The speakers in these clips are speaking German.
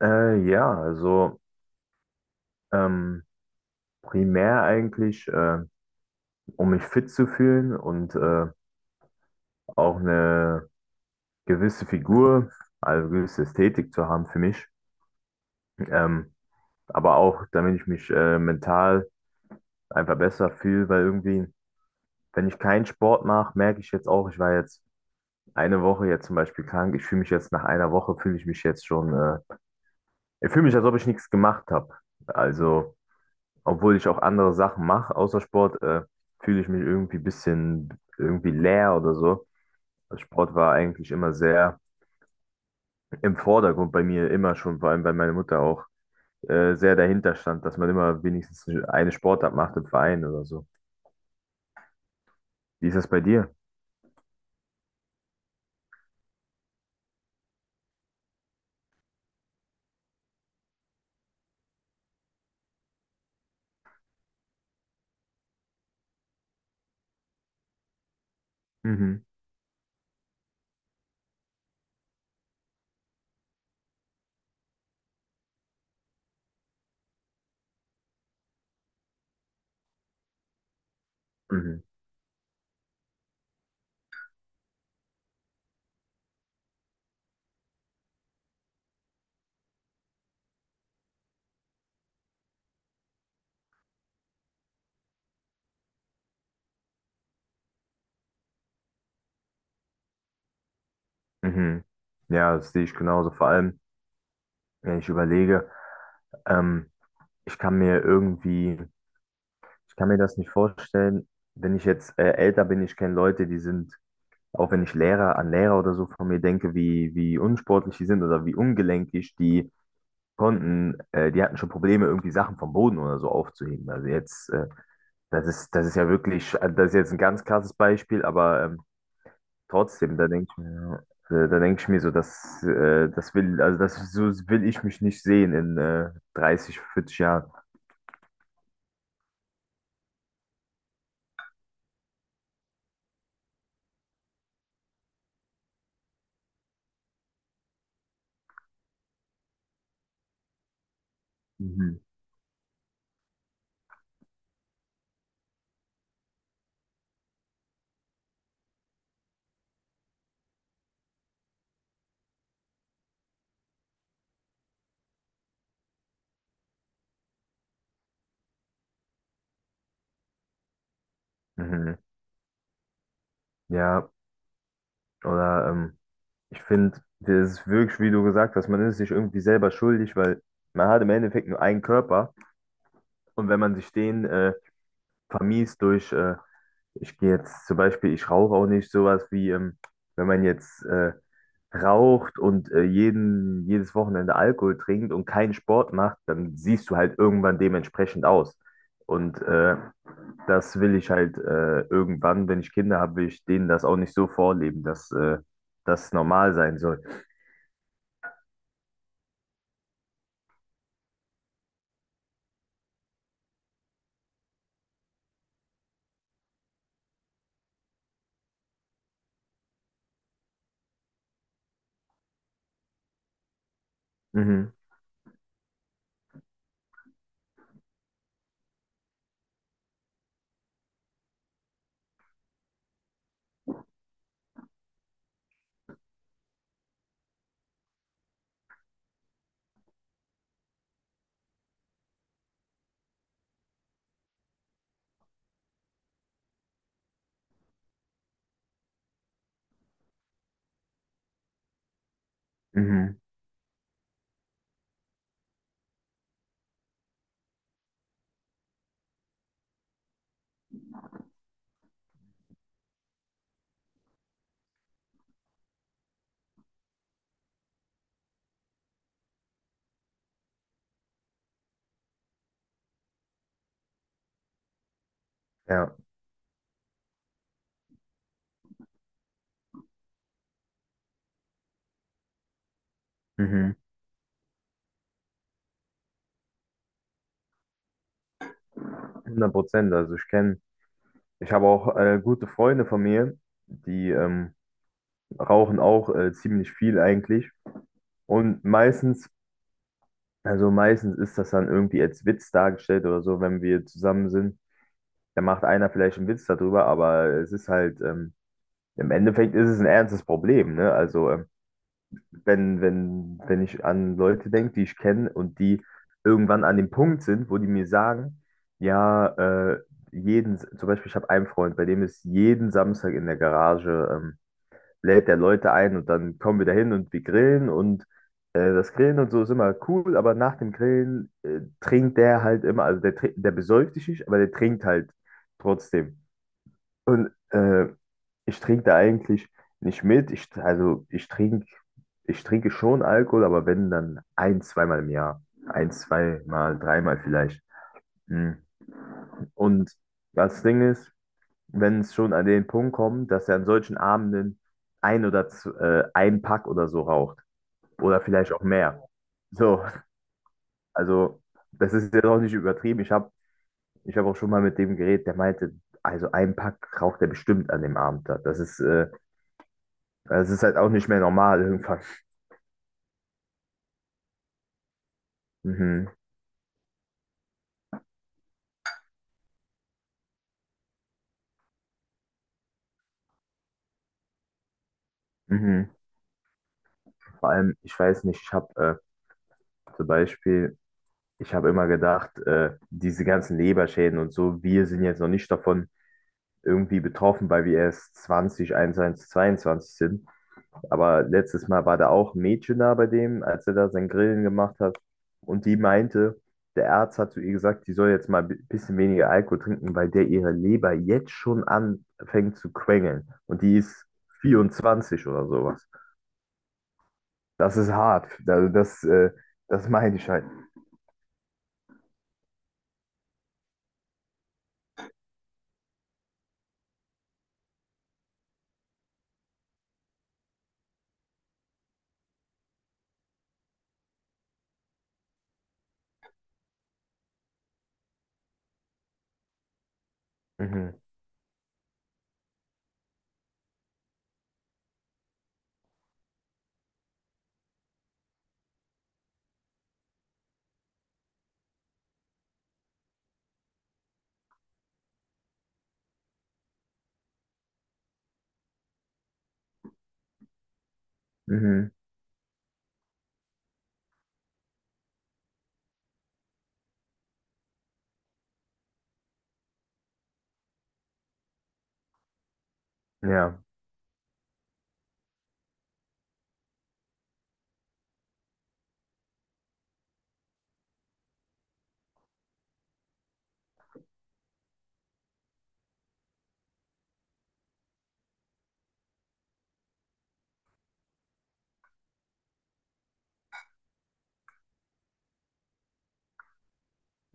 Ja, also ähm, primär eigentlich, um mich fit zu fühlen und auch eine gewisse Figur, also gewisse Ästhetik zu haben für mich. Ähm, aber auch, damit ich mich mental einfach besser fühle, weil irgendwie, wenn ich keinen Sport mache, merke ich jetzt auch, ich war jetzt eine Woche jetzt zum Beispiel krank. Ich fühle mich jetzt nach einer Woche, fühle ich mich jetzt schon, ich fühle mich, als ob ich nichts gemacht habe. Also, obwohl ich auch andere Sachen mache außer Sport, fühle ich mich irgendwie ein bisschen irgendwie leer oder so. Also Sport war eigentlich immer sehr im Vordergrund bei mir, immer schon, vor allem weil meine Mutter auch sehr dahinter stand, dass man immer wenigstens eine Sportart macht im Verein oder so. Wie ist das bei dir? Mhm. Mhm. Mhm. Ja, das sehe ich genauso. Vor allem, wenn ich überlege, ähm, ich kann mir irgendwie, ich kann mir das nicht vorstellen, wenn ich jetzt älter bin. Ich kenne Leute, die sind. Auch wenn ich Lehrer an Lehrer oder so von mir denke, wie unsportlich die sind oder wie ungelenkig, die hatten schon Probleme, irgendwie Sachen vom Boden oder so aufzuheben. Also jetzt, das ist ja wirklich, also das ist jetzt ein ganz krasses Beispiel, aber trotzdem, da denke ich mir so, also das so will ich mich nicht sehen in 30, 40 Jahren. Mhm. Mhm. Ja, oder Ich finde, das ist wirklich, wie du gesagt hast, man ist sich irgendwie selber schuldig, weil man hat im Endeffekt nur einen Körper und wenn man sich den vermiest durch, ich gehe jetzt zum Beispiel, ich rauche auch nicht sowas wie, wenn man jetzt raucht und jeden, jedes Wochenende Alkohol trinkt und keinen Sport macht, dann siehst du halt irgendwann dementsprechend aus. Und das will ich halt irgendwann, wenn ich Kinder habe, will ich denen das auch nicht so vorleben, dass das normal sein soll. Mhm. Mhm. Ja, mhm. Hundert Prozent. Also ich habe auch gute Freunde von mir, die rauchen auch ziemlich viel eigentlich. Und meistens, also meistens ist das dann irgendwie als Witz dargestellt oder so, wenn wir zusammen sind. Da macht einer vielleicht einen Witz darüber, aber es ist halt, im Endeffekt ist es ein ernstes Problem, ne? Also wenn ich an Leute denke, die ich kenne und die irgendwann an dem Punkt sind, wo die mir sagen, ja, äh, jeden, zum Beispiel, ich habe einen Freund, bei dem ist jeden Samstag in der Garage, lädt der Leute ein und dann kommen wir dahin und wir grillen und das Grillen und so ist immer cool, aber nach dem Grillen trinkt der halt immer, also der, der besäuft sich nicht, aber der trinkt halt trotzdem. Und ich trinke da eigentlich nicht mit. Also ich trinke schon Alkohol, aber wenn, dann ein, zweimal im Jahr. Ein, zweimal, dreimal vielleicht. Hm. Und das Ding ist, wenn es schon an den Punkt kommt, dass er an solchen Abenden ein Pack oder so raucht. Oder vielleicht auch mehr. So, also das ist jetzt auch nicht übertrieben. Ich hab auch schon mal mit dem geredet, der meinte, also ein Pack raucht er bestimmt an dem Abend da. Das ist halt auch nicht mehr normal irgendwann. Mhm, mhm. Vor allem, ich weiß nicht, ich habe zum Beispiel, ich habe immer gedacht, diese ganzen Leberschäden und so, wir sind jetzt noch nicht davon irgendwie betroffen, weil wir erst 20 21 22 sind. Aber letztes Mal war da auch ein Mädchen da bei dem, als er da sein Grillen gemacht hat. Und die meinte, der Arzt hat zu ihr gesagt, die soll jetzt mal ein bisschen weniger Alkohol trinken, weil der ihre Leber jetzt schon anfängt zu quengeln. Und die ist 24 oder sowas. Das ist hart. Also das meine ich halt. Mhm. Mhm. Ja.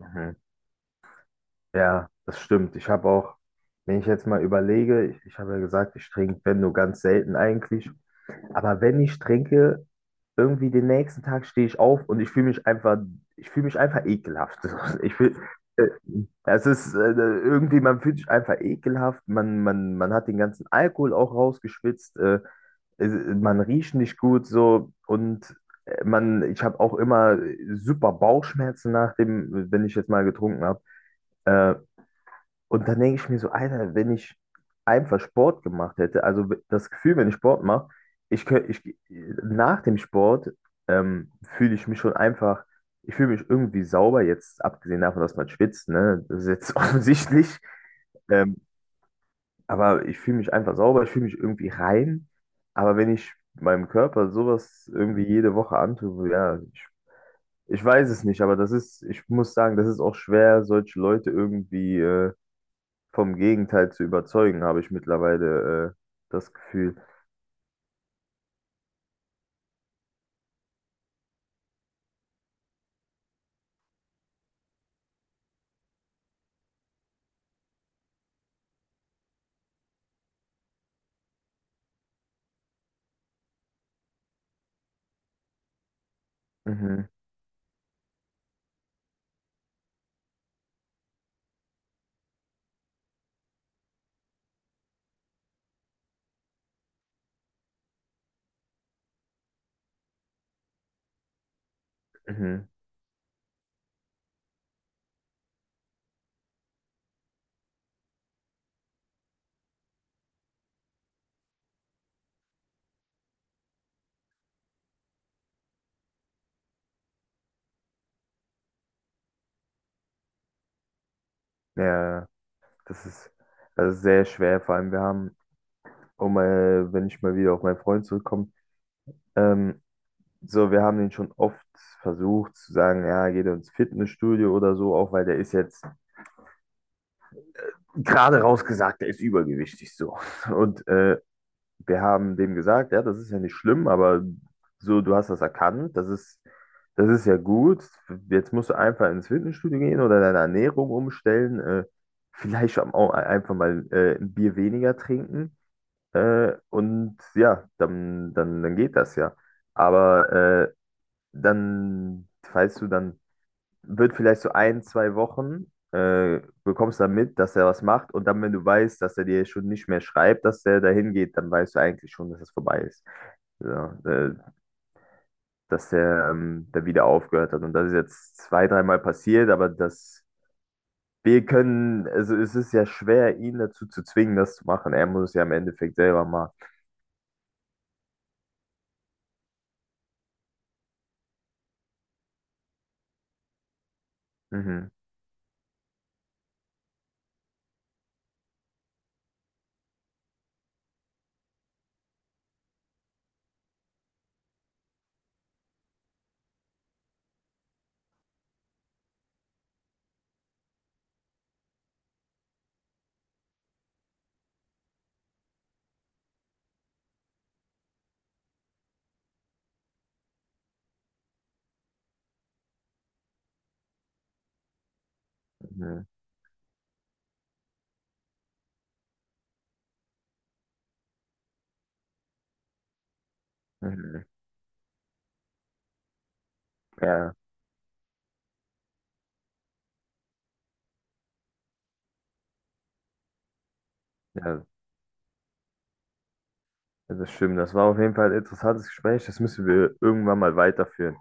Mhm. Ja, das stimmt. Ich habe auch, wenn ich jetzt mal überlege, ich habe ja gesagt, ich trinke, wenn nur ganz selten eigentlich. Aber wenn ich trinke, irgendwie den nächsten Tag stehe ich auf und ich fühle mich einfach ekelhaft. Ich fühl, äh, Man fühlt sich einfach ekelhaft, man hat den ganzen Alkohol auch rausgeschwitzt, man riecht nicht gut so und ich habe auch immer super Bauchschmerzen nach dem, wenn ich jetzt mal getrunken habe. Äh, und dann denke ich mir so, Alter, wenn ich einfach Sport gemacht hätte, also das Gefühl, wenn ich Sport mache, ich könnte, ich, nach dem Sport fühle ich mich schon einfach, ich fühle mich irgendwie sauber, jetzt abgesehen davon, dass man schwitzt, ne? Das ist jetzt offensichtlich. Ähm, aber ich fühle mich einfach sauber, ich fühle mich irgendwie rein. Aber wenn ich meinem Körper sowas irgendwie jede Woche antue, so, ja, ich weiß es nicht, aber das ist, ich muss sagen, das ist auch schwer, solche Leute irgendwie vom Gegenteil zu überzeugen, habe ich mittlerweile das Gefühl. Mhm, mhm. Ja, das ist, das sehr schwer. Vor allem, wenn ich mal wieder auf meinen Freund zurückkomme, ähm, so, wir haben den schon oft versucht zu sagen, ja, geht ins Fitnessstudio oder so, auch weil der ist jetzt gerade rausgesagt, der ist übergewichtig so. Und wir haben dem gesagt, ja, das ist ja nicht schlimm, aber so, du hast das erkannt, das ist ja gut. Jetzt musst du einfach ins Fitnessstudio gehen oder deine Ernährung umstellen, vielleicht auch einfach mal ein Bier weniger trinken. Und ja, dann geht das ja. Aber äh, dann, weißt du, dann wird vielleicht so ein, zwei Wochen, bekommst dann mit, dass er was macht und dann, wenn du weißt, dass er dir schon nicht mehr schreibt, dass er dahin geht, dann weißt du eigentlich schon, dass es vorbei ist. Ja, dass er da wieder aufgehört hat und das ist jetzt zwei, dreimal passiert, aber also es ist ja schwer, ihn dazu zu zwingen, das zu machen. Er muss es ja im Endeffekt selber machen. Mhm, mhm, mhm. Ja, ja, das stimmt. Das war auf jeden Fall ein interessantes Gespräch. Das müssen wir irgendwann mal weiterführen.